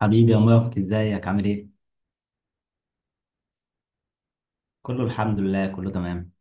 حبيبي يا مبارك ازيك عامل ايه؟ كله الحمد لله كله تمام.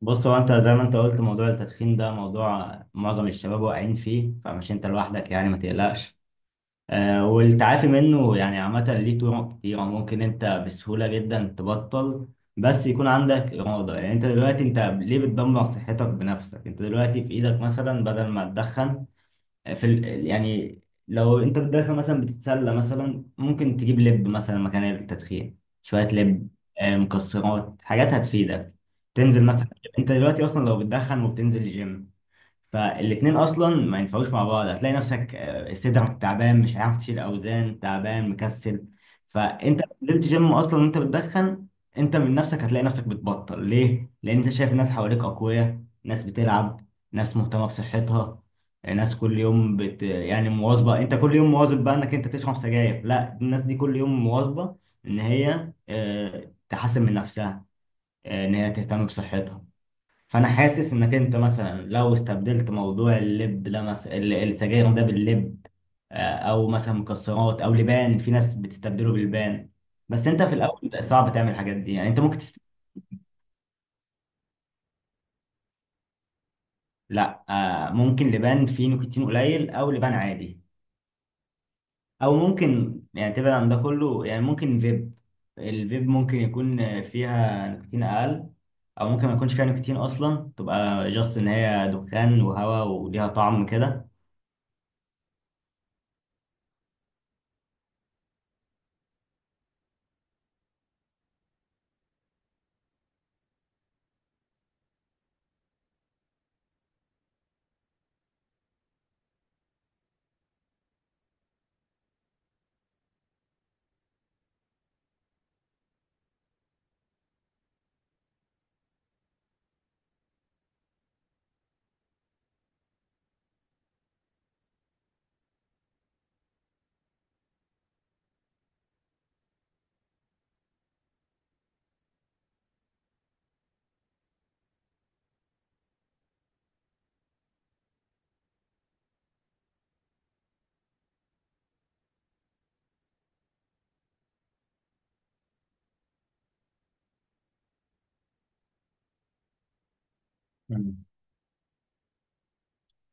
بص هو انت زي ما انت قلت موضوع التدخين ده موضوع معظم الشباب واقعين فيه، فمش انت لوحدك يعني، ما تقلقش. آه، والتعافي منه يعني عامة ليه طرق كتيرة، ممكن انت بسهولة جدا تبطل، بس يكون عندك إرادة. يعني انت دلوقتي انت ليه بتدمر صحتك بنفسك؟ انت دلوقتي في ايدك مثلا بدل ما تدخن، يعني لو انت داخل مثلا بتتسلى مثلا، ممكن تجيب لب مثلا مكان التدخين، شوية لب، مكسرات، حاجات هتفيدك. تنزل مثلا، انت دلوقتي اصلا لو بتدخن وبتنزل الجيم، فالاتنين اصلا ما ينفعوش مع بعض. هتلاقي نفسك صدرك تعبان، مش هتعرف تشيل اوزان، تعبان مكسل. فانت لو نزلت جيم اصلا وانت بتدخن، انت من نفسك هتلاقي نفسك بتبطل. ليه؟ لان انت شايف الناس حواليك اقوياء، ناس بتلعب، ناس مهتمه بصحتها، ناس كل يوم يعني مواظبه. انت كل يوم مواظب بقى انك انت تشرب سجاير؟ لا، الناس دي كل يوم مواظبه ان هي تحسن من نفسها، ان هي تهتم بصحتها. فانا حاسس انك انت مثلا لو استبدلت موضوع اللب ده مثلا، السجاير ده باللب، او مثلا مكسرات او لبان، في ناس بتستبدله باللبان. بس انت في الاول صعب تعمل الحاجات دي، يعني انت ممكن لا، ممكن لبان فيه نيكوتين قليل او لبان عادي، او ممكن يعني تبعد عن ده كله، يعني ممكن فيب. الفيب ممكن يكون فيها نيكوتين اقل، او ممكن ما يكونش فيها نيكوتين اصلا، تبقى جاست ان هي دخان وهواء وليها طعم كده.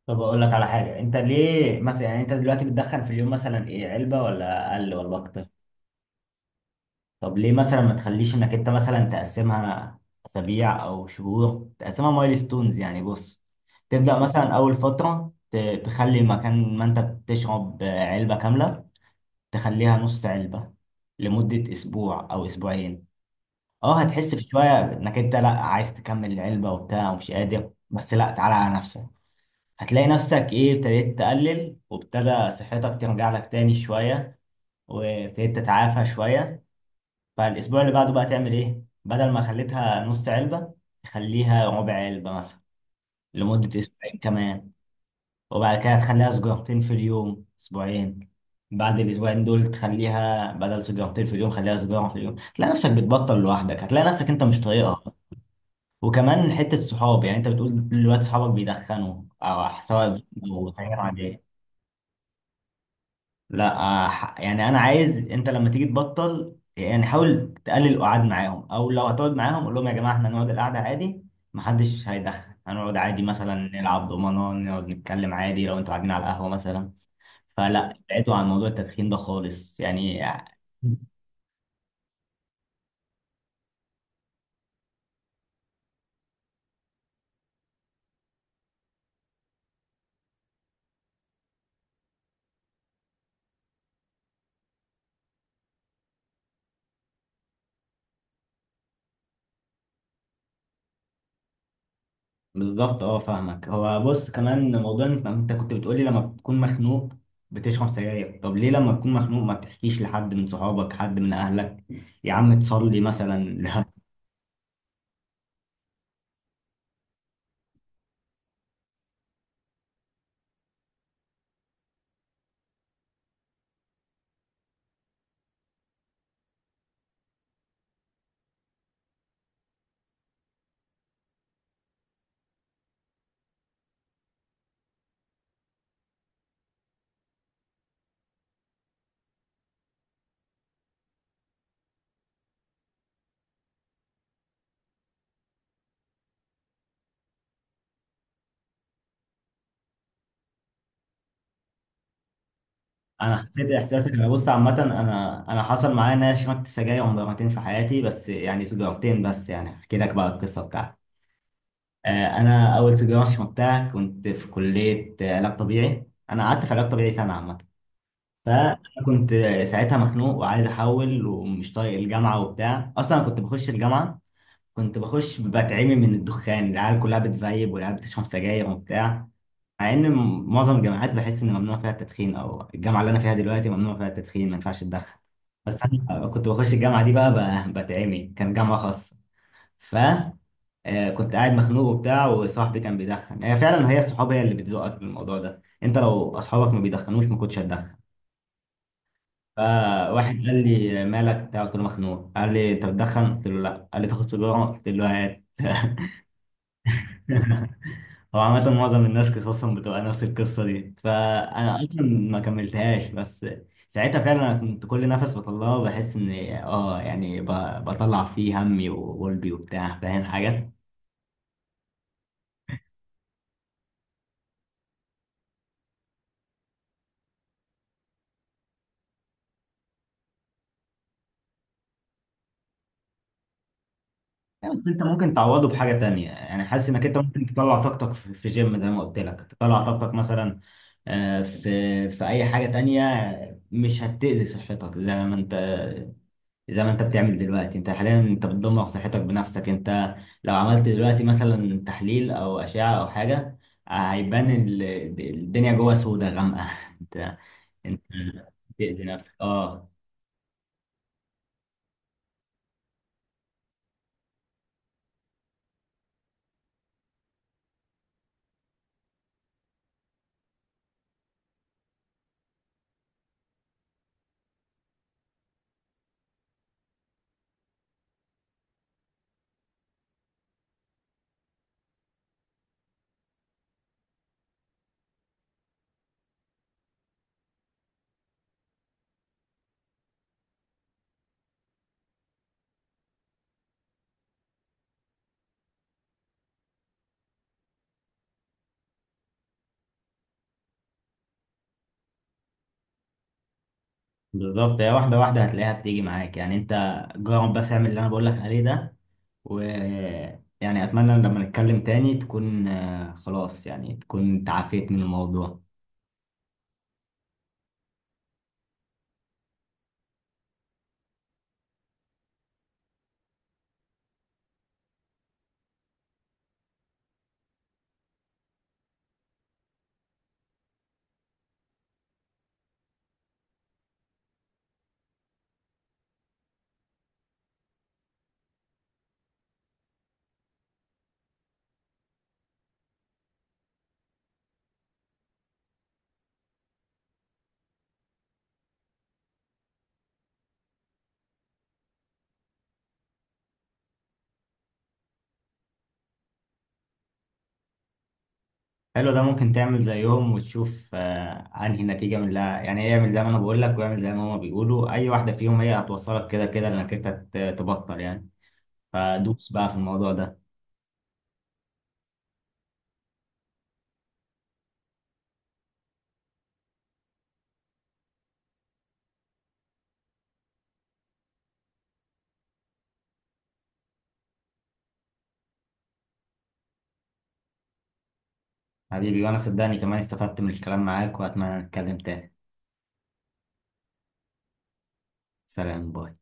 طب اقول لك على حاجه، انت ليه مثلا، يعني انت دلوقتي بتدخل في اليوم مثلا ايه، علبه ولا اقل ولا اكتر؟ طب ليه مثلا ما تخليش انك انت مثلا تقسمها اسابيع او شهور، تقسمها مايلستونز يعني. بص، تبدا مثلا اول فتره تخلي مكان ما انت بتشرب علبه كامله، تخليها نص علبه لمده اسبوع او اسبوعين. اه هتحس في شويه انك انت لا عايز تكمل العلبه وبتاع ومش قادر، بس لا، تعالى على نفسك. هتلاقي نفسك ايه، ابتديت تقلل، وابتدى صحتك ترجع لك تاني شوية، وابتديت تتعافى شوية. فالأسبوع اللي بعده بقى تعمل ايه؟ بدل ما خليتها نص علبة، تخليها ربع علبة مثلا لمدة أسبوعين كمان. وبعد كده تخليها سجارتين في اليوم أسبوعين. بعد الأسبوعين دول تخليها بدل سجارتين في اليوم، خليها سجارة في اليوم. هتلاقي نفسك بتبطل لوحدك، هتلاقي نفسك أنت مش طايقها. وكمان حتة صحاب، يعني أنت بتقول دلوقتي صحابك بيدخنوا أو سواء، أو تغيير عادية. لا يعني انا عايز انت لما تيجي تبطل يعني حاول تقلل القعاد معاهم، او لو هتقعد معاهم قول لهم يا جماعه احنا هنقعد القعده عادي، محدش هيدخل، هنقعد عادي، مثلا نلعب دومنه، نقعد نتكلم عادي لو انتوا قاعدين على القهوه مثلا. فلا، ابعدوا عن موضوع التدخين ده خالص يعني. بالظبط، اه فاهمك. هو بص، كمان موضوع إن انت كنت بتقولي لما بتكون مخنوق بتشرب سجاير، طب ليه لما تكون مخنوق ما بتحكيش لحد من صحابك، حد من اهلك، يا عم تصلي مثلا؟ انا حسيت احساس ان، بص عامه انا حصل معايا ان انا شربت سجاير مرتين في حياتي بس، يعني سجارتين بس. يعني احكي لك بقى القصه بتاعتي. آه، انا اول سيجاره شربتها كنت في كليه علاج طبيعي، انا قعدت في علاج طبيعي سنه عامه. فانا كنت ساعتها مخنوق وعايز احول ومش طايق الجامعه وبتاع. اصلا أنا كنت بخش الجامعه، كنت بخش بتعمي من الدخان، العيال كلها بتفيب، والعيال بتشرب سجاير وبتاع. مع ان معظم الجامعات بحس ان ممنوع فيها التدخين، او الجامعه اللي انا فيها دلوقتي ممنوع فيها التدخين، ما ينفعش تدخن. بس انا كنت بخش الجامعه دي بقى، بتعمي، كان جامعه خاصه. ف كنت قاعد مخنوق وبتاع، وصاحبي كان بيدخن. هي فعلا هي الصحاب هي اللي بتزقك بالموضوع ده، انت لو اصحابك ما بيدخنوش ما كنتش هتدخن. فواحد قال لي مالك بتاع قلت له مخنوق، قال لي انت بتدخن، قلت له لا، قال لي تاخد سيجاره، قلت له هات. هو عامة معظم الناس قصصهم بتبقى نفس القصة دي. فأنا اه أصلا ما كملتهاش، بس ساعتها فعلا أنا كنت كل نفس بطلعه بحس إن يعني بطلع فيه همي وقلبي وبتاع. فاهم حاجة؟ لا، بس أنت ممكن تعوضه بحاجة تانية، يعني حاسس إنك أنت ممكن تطلع طاقتك في جيم زي ما قلت لك، تطلع طاقتك مثلا في في أي حاجة تانية مش هتأذي صحتك زي ما أنت، زي ما انت بتعمل دلوقتي. انت حاليا انت بتدمر صحتك بنفسك. انت لو عملت دلوقتي مثلا تحليل او اشعة او حاجة، هيبان الدنيا جوه سودة غامقة. انت، انت بتأذي نفسك اه. بالظبط، هي واحدة واحدة هتلاقيها بتيجي معاك. يعني انت جرب بس اعمل اللي انا بقولك عليه ده، و يعني اتمنى ان لما نتكلم تاني تكون خلاص يعني تكون تعافيت من الموضوع. حلو، ده ممكن تعمل زيهم وتشوف انهي نتيجة، من لا يعني ايه، يعمل زي ما انا بقول لك ويعمل زي ما هما بيقولوا، اي واحدة فيهم هي هتوصلك كده كده انك انت تبطل يعني. فدوس بقى في الموضوع ده. حبيبي، وانا صدقني كمان استفدت من الكلام معاك، واتمنى نتكلم تاني. سلام، باي.